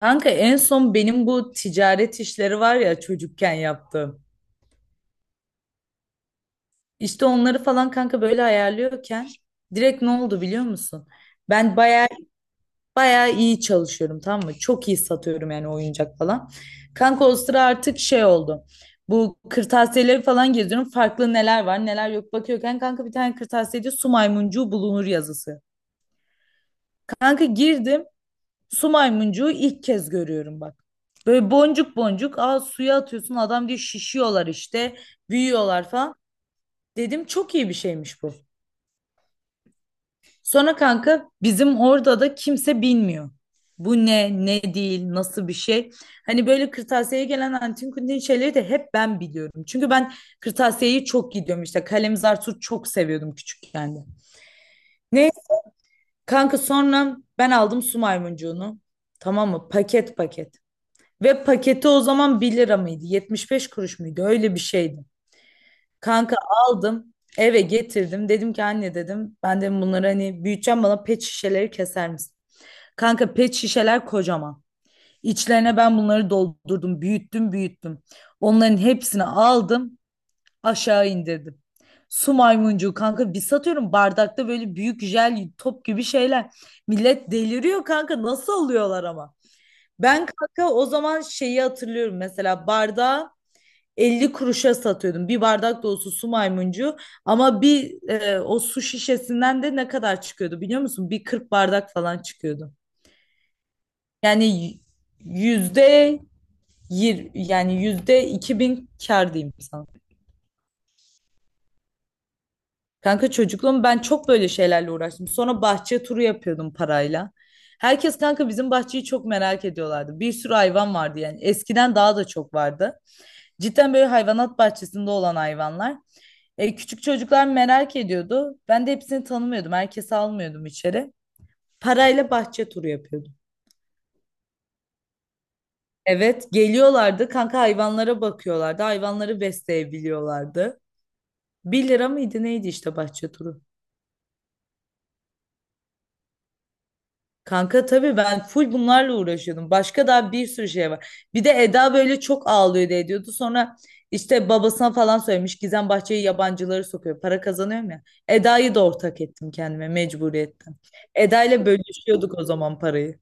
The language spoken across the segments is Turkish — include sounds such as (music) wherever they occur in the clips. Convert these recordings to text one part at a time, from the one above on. Kanka en son benim bu ticaret işleri var ya çocukken yaptığım. İşte onları falan kanka böyle ayarlıyorken direkt ne oldu biliyor musun? Ben baya baya iyi çalışıyorum, tamam mı? Çok iyi satıyorum yani, oyuncak falan. Kanka o sıra artık şey oldu. Bu kırtasiyeleri falan geziyorum. Farklı neler var neler yok bakıyorken kanka, bir tane kırtasiyede su maymuncuğu bulunur yazısı. Kanka girdim. Su maymuncuğu ilk kez görüyorum bak. Böyle boncuk boncuk, suya atıyorsun, adam diyor şişiyorlar işte, büyüyorlar falan. Dedim çok iyi bir şeymiş bu. Sonra kanka bizim orada da kimse bilmiyor. Bu ne, ne değil, nasıl bir şey. Hani böyle kırtasiyeye gelen antin kuntin şeyleri de hep ben biliyorum. Çünkü ben kırtasiyeyi çok gidiyorum işte. Kalemzar Su çok seviyordum küçükken de. Ne kanka, sonra ben aldım su maymuncuğunu. Tamam mı? Paket paket. Ve paketi o zaman 1 lira mıydı, 75 kuruş muydu? Öyle bir şeydi. Kanka aldım, eve getirdim. Dedim ki anne, dedim, ben de bunları hani büyüteceğim, bana pet şişeleri keser misin? Kanka pet şişeler kocaman. İçlerine ben bunları doldurdum, büyüttüm, büyüttüm. Onların hepsini aldım, aşağı indirdim. Su maymuncuğu kanka, bir satıyorum, bardakta böyle büyük jel top gibi şeyler. Millet deliriyor kanka, nasıl alıyorlar ama? Ben kanka o zaman şeyi hatırlıyorum, mesela bardağı 50 kuruşa satıyordum. Bir bardak dolusu su maymuncu ama bir, o su şişesinden de ne kadar çıkıyordu biliyor musun? Bir 40 bardak falan çıkıyordu. Yani y- yüzde yani %2.000 kar diyeyim sana. Kanka çocukluğum ben çok böyle şeylerle uğraştım. Sonra bahçe turu yapıyordum parayla. Herkes kanka bizim bahçeyi çok merak ediyorlardı. Bir sürü hayvan vardı yani. Eskiden daha da çok vardı. Cidden böyle hayvanat bahçesinde olan hayvanlar. Küçük çocuklar merak ediyordu. Ben de hepsini tanımıyordum. Herkesi almıyordum içeri. Parayla bahçe turu yapıyordum. Evet, geliyorlardı. Kanka hayvanlara bakıyorlardı. Hayvanları besleyebiliyorlardı. 1 lira mıydı neydi işte bahçe turu? Kanka tabii ben full bunlarla uğraşıyordum. Başka daha bir sürü şey var. Bir de Eda böyle çok ağlıyordu, ediyordu. Sonra işte babasına falan söylemiş. Gizem Bahçe'yi yabancıları sokuyor. Para kazanıyorum ya. Eda'yı da ortak ettim kendime mecburiyetten. Eda ile bölüşüyorduk o zaman parayı.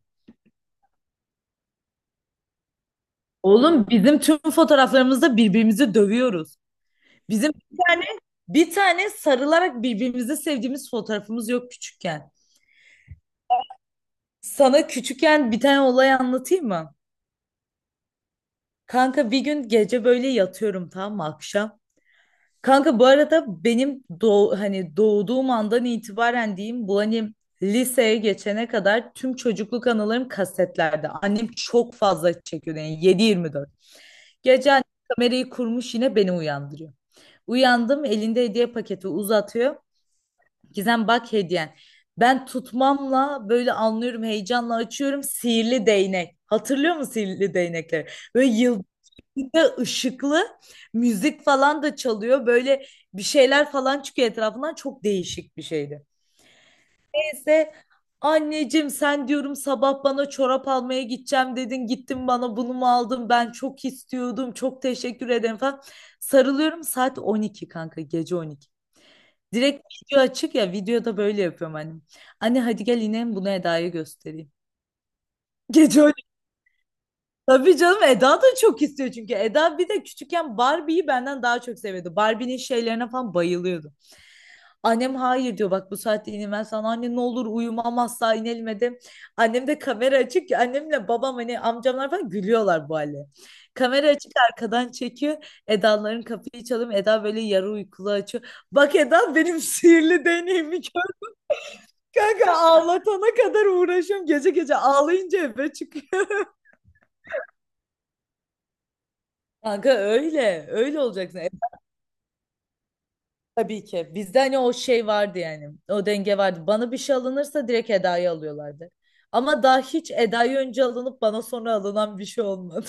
Oğlum, bizim tüm fotoğraflarımızda birbirimizi dövüyoruz. Bizim bir tane sarılarak birbirimizi sevdiğimiz fotoğrafımız yok küçükken. Sana küçükken bir tane olay anlatayım mı? Kanka bir gün, gece böyle yatıyorum tam mı akşam? Kanka bu arada benim hani doğduğum andan itibaren diyeyim, bu hani liseye geçene kadar tüm çocukluk anılarım kasetlerde. Annem çok fazla çekiyor yani, 7/24. Gece annem kamerayı kurmuş, yine beni uyandırıyor. Uyandım, elinde hediye paketi uzatıyor. Gizem bak, hediyen. Ben tutmamla böyle anlıyorum, heyecanla açıyorum, sihirli değnek. Hatırlıyor musun sihirli değnekleri? Böyle bir de ışıklı müzik falan da çalıyor. Böyle bir şeyler falan çıkıyor etrafından. Çok değişik bir şeydi. Neyse, anneciğim sen diyorum sabah bana çorap almaya gideceğim dedin. Gittin bana bunu mu aldın? Ben çok istiyordum. Çok teşekkür ederim falan. Sarılıyorum, saat 12 kanka, gece 12. Direkt video açık ya, videoda böyle yapıyorum annem. Anne hadi gel inelim, bunu Eda'ya göstereyim. (laughs) Gece Tabii canım, Eda da çok istiyor çünkü. Eda bir de küçükken Barbie'yi benden daha çok seviyordu. Barbie'nin şeylerine falan bayılıyordu. Annem hayır diyor, bak bu saatte inilmez sana, anne ne olur uyumam asla, inelim dedim. Annem de kamera açık ki, annemle babam hani amcamlar falan gülüyorlar bu hale. Kamera açık arkadan çekiyor. Eda'ların kapıyı çalıyor. Eda böyle yarı uykulu açıyor. Bak Eda, benim (laughs) sihirli deneyimi gör. Kanka ağlatana kadar uğraşıyorum. Gece gece ağlayınca eve çıkıyor. Kanka öyle. Öyle olacaksın. Tabii ki. Bizde hani o şey vardı yani. O denge vardı. Bana bir şey alınırsa direkt Eda'yı alıyorlardı. Ama daha hiç Eda'yı önce alınıp bana sonra alınan bir şey olmadı.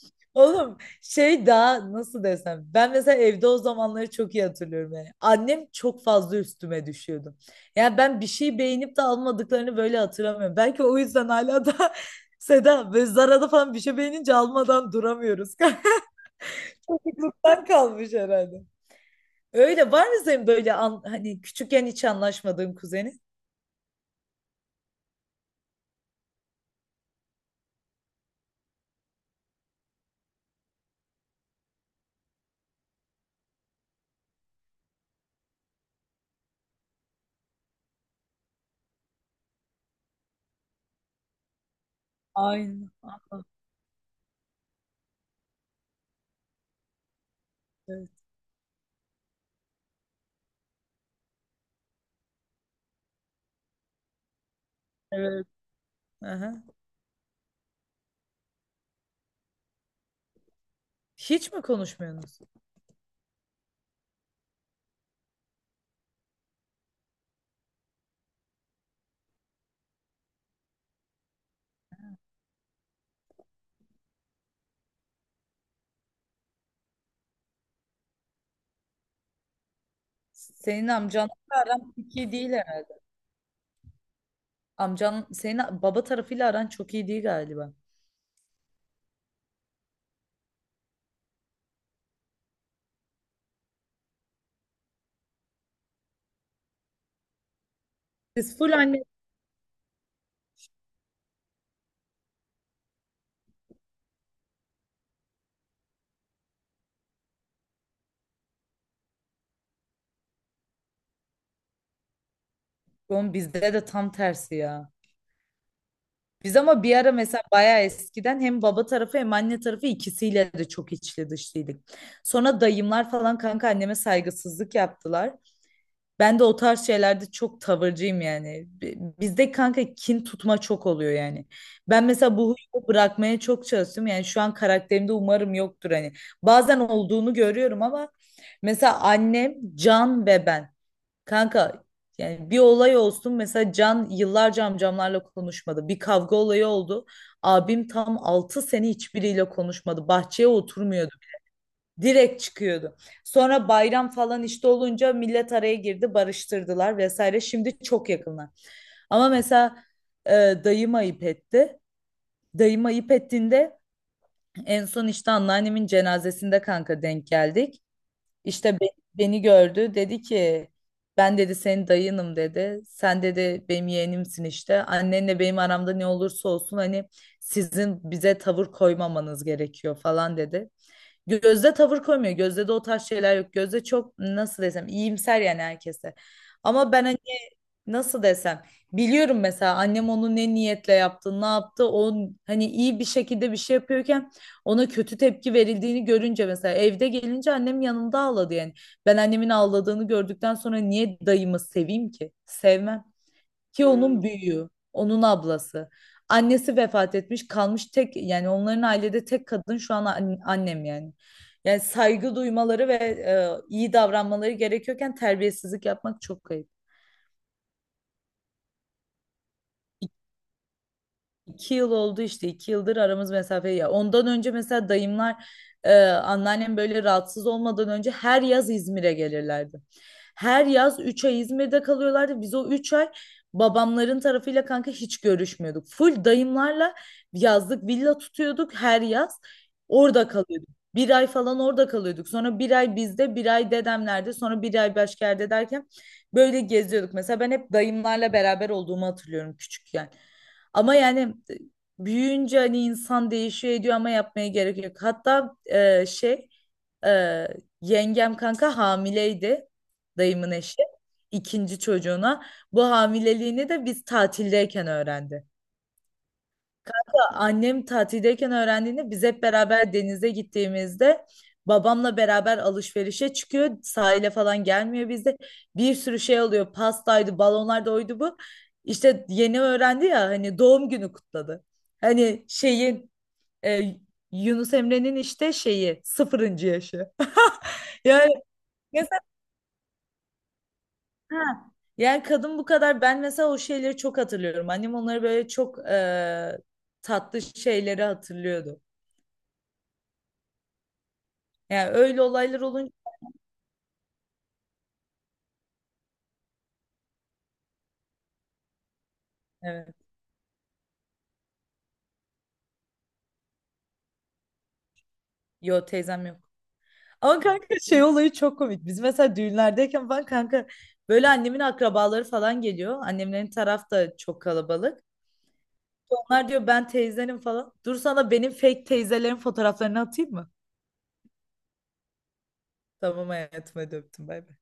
(laughs) Oğlum şey, daha nasıl desem. Ben mesela evde o zamanları çok iyi hatırlıyorum yani. Annem çok fazla üstüme düşüyordu. Yani ben bir şey beğenip de almadıklarını böyle hatırlamıyorum. Belki o yüzden hala da (laughs) Seda ve Zara'da falan bir şey beğenince almadan duramıyoruz. (laughs) Çocukluktan kalmış herhalde. Öyle var mı senin böyle hani küçükken hiç anlaşmadığın kuzenin? Aynen. Allah, Evet. Evet. Aha. Hiç mi konuşmuyorsunuz? Senin amcanla aran çok iyi değil herhalde. Amcan senin baba tarafıyla aran çok iyi değil galiba. Siz full anne. Oğlum bizde de tam tersi ya. Biz ama bir ara mesela bayağı eskiden hem baba tarafı hem anne tarafı ikisiyle de çok içli dışlıydık. Sonra dayımlar falan kanka anneme saygısızlık yaptılar. Ben de o tarz şeylerde çok tavırcıyım yani. Bizde kanka kin tutma çok oluyor yani. Ben mesela bu huyu bırakmaya çok çalıştım. Yani şu an karakterimde umarım yoktur hani. Bazen olduğunu görüyorum ama, mesela annem, Can ve ben. Kanka yani bir olay olsun, mesela Can yıllarca amcamlarla konuşmadı. Bir kavga olayı oldu. Abim tam altı sene hiçbiriyle konuşmadı. Bahçeye oturmuyordu. Direkt çıkıyordu. Sonra bayram falan işte olunca millet araya girdi, barıştırdılar vesaire. Şimdi çok yakınlar. Ama mesela e, dayım ayıp etti. Dayım ayıp ettiğinde en son işte anneannemin cenazesinde kanka denk geldik. İşte beni gördü, dedi ki ben dedi senin dayınım, dedi. Sen, dedi, benim yeğenimsin işte. Annenle benim aramda ne olursa olsun hani sizin bize tavır koymamanız gerekiyor falan dedi. Gözde tavır koymuyor. Gözde de o tarz şeyler yok. Gözde çok nasıl desem, iyimser yani herkese. Ama ben hani nasıl desem, biliyorum mesela annem onu ne niyetle yaptı ne yaptı, o hani iyi bir şekilde bir şey yapıyorken ona kötü tepki verildiğini görünce, mesela evde gelince annem yanımda ağladı yani, ben annemin ağladığını gördükten sonra niye dayımı seveyim ki, sevmem ki, onun büyüğü, onun ablası, annesi vefat etmiş, kalmış tek yani, onların ailede tek kadın şu an annem yani. Yani saygı duymaları ve iyi davranmaları gerekiyorken terbiyesizlik yapmak çok ayıp. 2 yıl oldu işte, 2 yıldır aramız mesafe ya. Ondan önce mesela dayımlar, anneannem böyle rahatsız olmadan önce her yaz İzmir'e gelirlerdi. Her yaz 3 ay İzmir'de kalıyorlardı. Biz o 3 ay babamların tarafıyla kanka hiç görüşmüyorduk. Full dayımlarla yazlık villa tutuyorduk her yaz. Orada kalıyorduk. 1 ay falan orada kalıyorduk. Sonra 1 ay bizde, 1 ay dedemlerde, sonra bir ay başka yerde derken, böyle geziyorduk. Mesela ben hep dayımlarla beraber olduğumu hatırlıyorum küçükken. Ama yani, e, büyüyünce hani insan değişiyor ediyor ama yapmaya gerek yok. Hatta e, yengem kanka hamileydi, dayımın eşi, 2. çocuğuna. Bu hamileliğini de biz tatildeyken öğrendi. Annem tatildeyken öğrendiğinde, biz hep beraber denize gittiğimizde, babamla beraber alışverişe çıkıyor. Sahile falan gelmiyor bizde. Bir sürü şey oluyor. Pastaydı, balonlardı, oydu bu. İşte yeni öğrendi ya, hani doğum günü kutladı. Hani şeyin e, Yunus Emre'nin işte şeyi sıfırıncı yaşı. (laughs) Yani mesela ha, yani kadın bu kadar, ben mesela o şeyleri çok hatırlıyorum. Annem onları böyle çok tatlı şeyleri hatırlıyordu. Yani öyle olaylar olunca. Evet. Yo teyzem yok. Ama kanka şey olayı çok komik. Biz mesela düğünlerdeyken falan kanka böyle annemin akrabaları falan geliyor. Annemlerin taraf da çok kalabalık. Onlar diyor ben teyzenim falan. Dur sana benim fake teyzelerin fotoğraflarını atayım mı? Tamam hayatım hadi öptüm, bay bay.